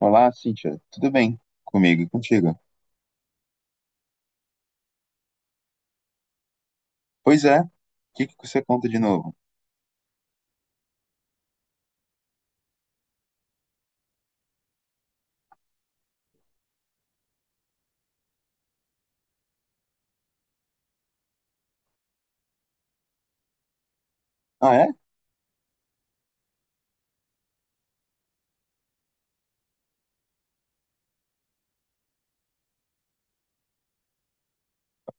Olá, Cíntia. Tudo bem? Comigo e contigo? Pois é. O que que você conta de novo? Ah, é?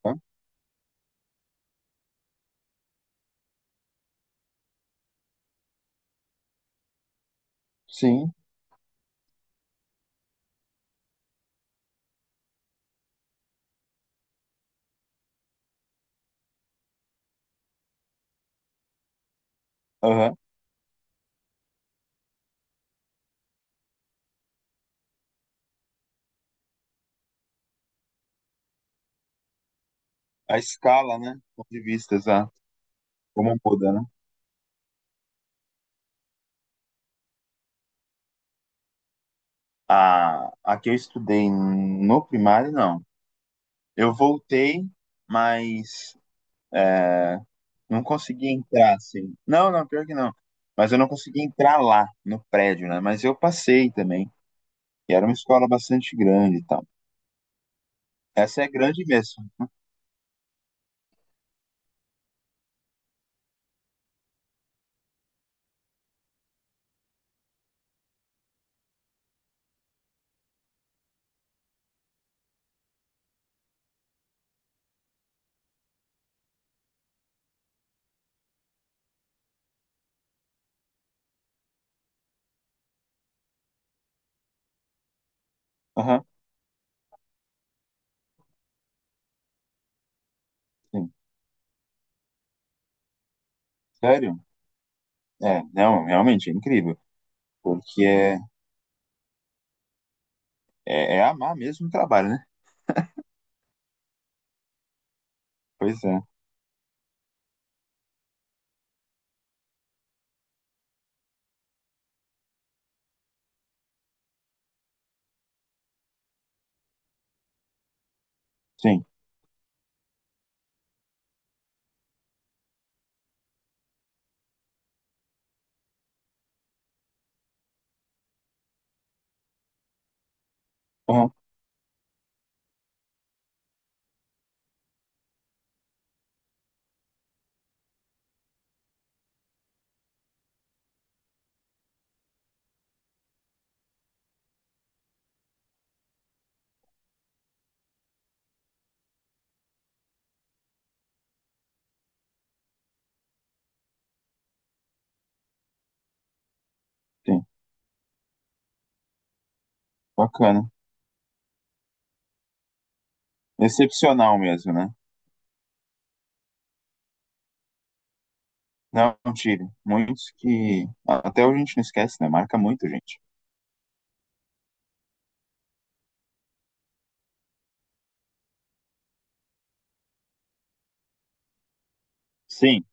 Hã? Sim. Aham. A escala, né? Ponto de vista, exato. Como muda, né? A que eu estudei no primário, não. Eu voltei, mas é, não consegui entrar, assim. Não, não, pior que não. Mas eu não consegui entrar lá, no prédio, né? Mas eu passei também. E era uma escola bastante grande e tal. Essa é grande mesmo. Aham, sim. Sério? É, não, realmente é incrível, porque é amar mesmo o trabalho, né? Pois é, sim, aham, sim, bacana. Excepcional mesmo, né? Não, tire. Muitos que até hoje a gente não esquece, né? Marca muito, gente. Sim,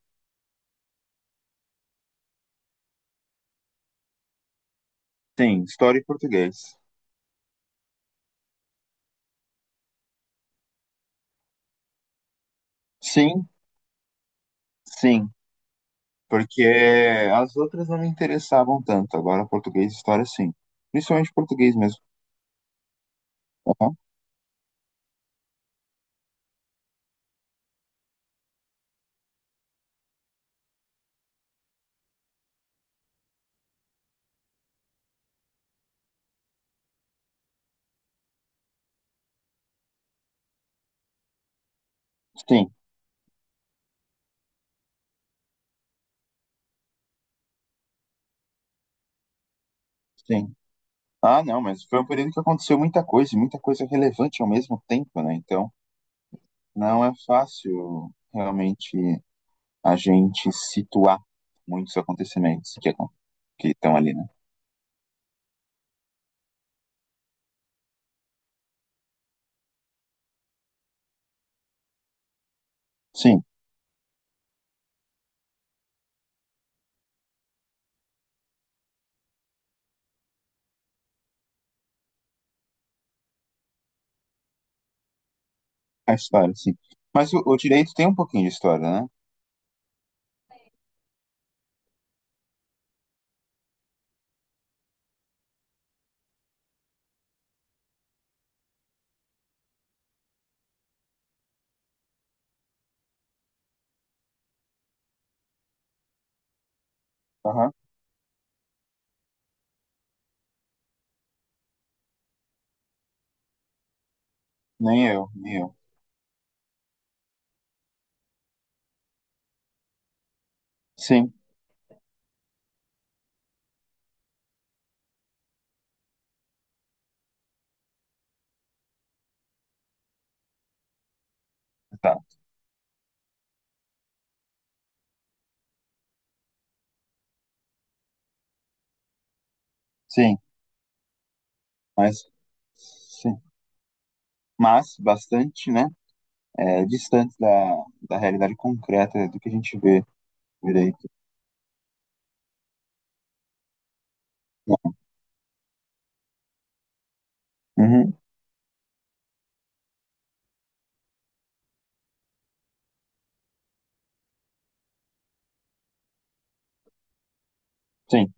sim, história e português. Sim, sim, porque as outras não me interessavam tanto, agora português e história sim. Principalmente português mesmo. Aham, sim, sim. Ah, não, mas foi um período que aconteceu muita coisa, e muita coisa relevante ao mesmo tempo, né? Então, não é fácil realmente a gente situar muitos acontecimentos que estão ali, né? Sim, a história, sim. Mas o direito tem um pouquinho de história, né? Aham. Nem eu, nem eu. Sim, tá. Sim, mas sim. Mas bastante, né? É, distante da realidade concreta do que a gente vê direito. Uhum, sim,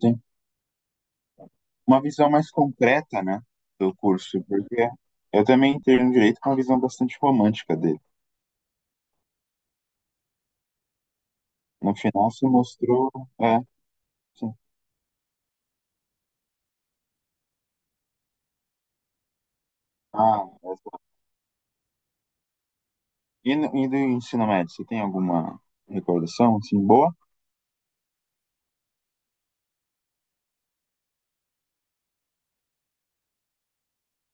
sim. Uma visão mais concreta, né, do curso, porque eu também entrei no direito com uma visão bastante romântica dele. No final se mostrou, é, sim. Ah, essa- e, e do ensino médio, você tem alguma recordação, assim, boa?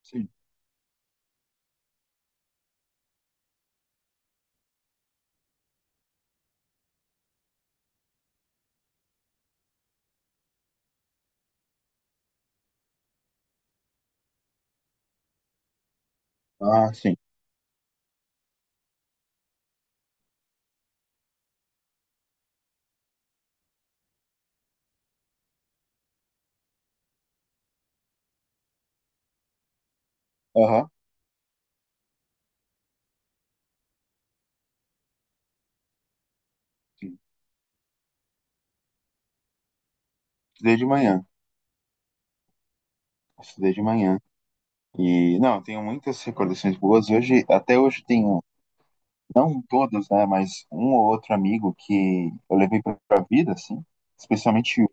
Sim. Ah, sim. Aham, sim. Estudei de manhã, estudei de manhã. E, não, eu tenho muitas recordações boas. Hoje, até hoje tenho, não todos, né, mas um ou outro amigo que eu levei pra vida, assim, especialmente um.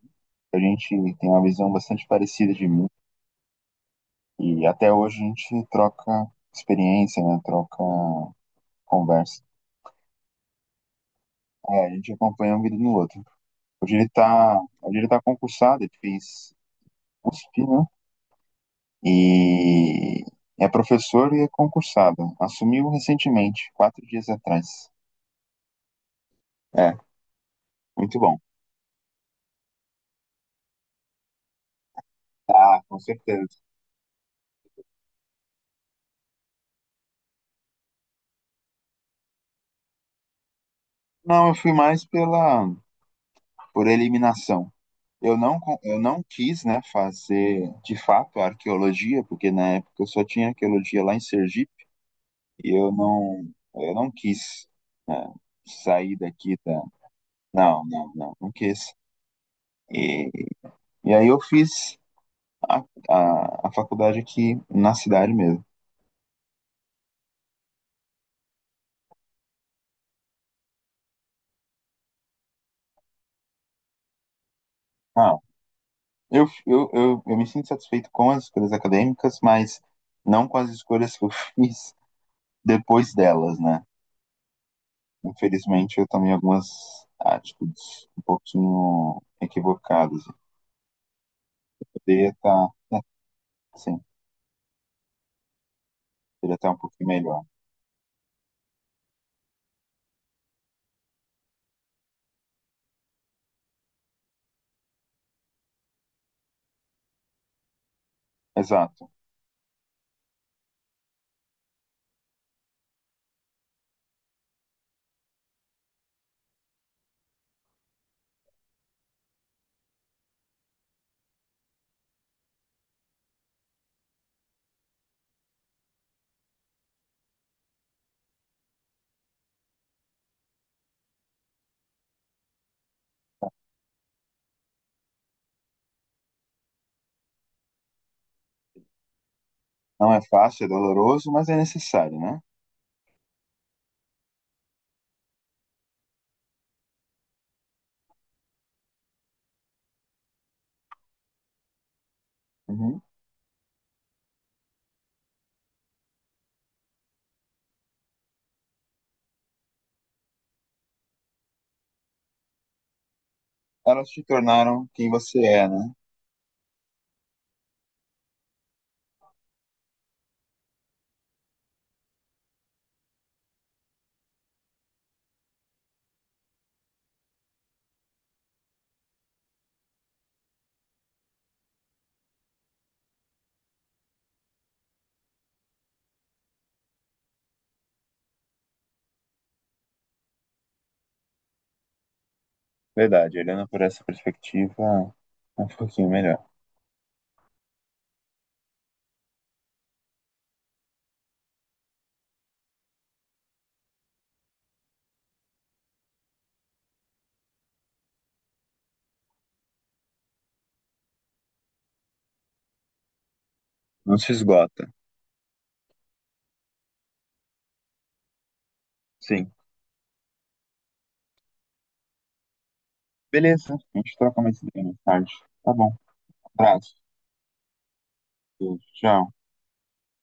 A gente tem uma visão bastante parecida de mim. E até hoje a gente troca experiência, né? Troca conversa. É, a gente acompanha um vídeo no outro. Hoje ele tá concursado, ele fez USP, né? E é professor e é concursado. Assumiu recentemente, 4 dias atrás. É, muito bom. Ah, com certeza. Não, eu fui mais pela por eliminação. Eu não quis, né, fazer de fato a arqueologia, porque na época eu só tinha arqueologia lá em Sergipe. E eu não quis, né, sair daqui da. Não, não, não, não quis. E, e aí eu fiz a, a faculdade aqui na cidade mesmo. Ah, eu me sinto satisfeito com as escolhas acadêmicas, mas não com as escolhas que eu fiz depois delas, né? Infelizmente, eu tomei algumas atitudes um pouquinho equivocadas. Eu poderia estar, né, sim, poderia estar um pouquinho melhor. Exato. Não é fácil, é doloroso, mas é necessário, né? Uhum. Elas te tornaram quem você é, né? Verdade, olhando por essa perspectiva, é um pouquinho melhor. Não se esgota. Sim. Beleza, a gente troca mais ideia mais tarde. Tá bom, abraço. Beijo, tchau.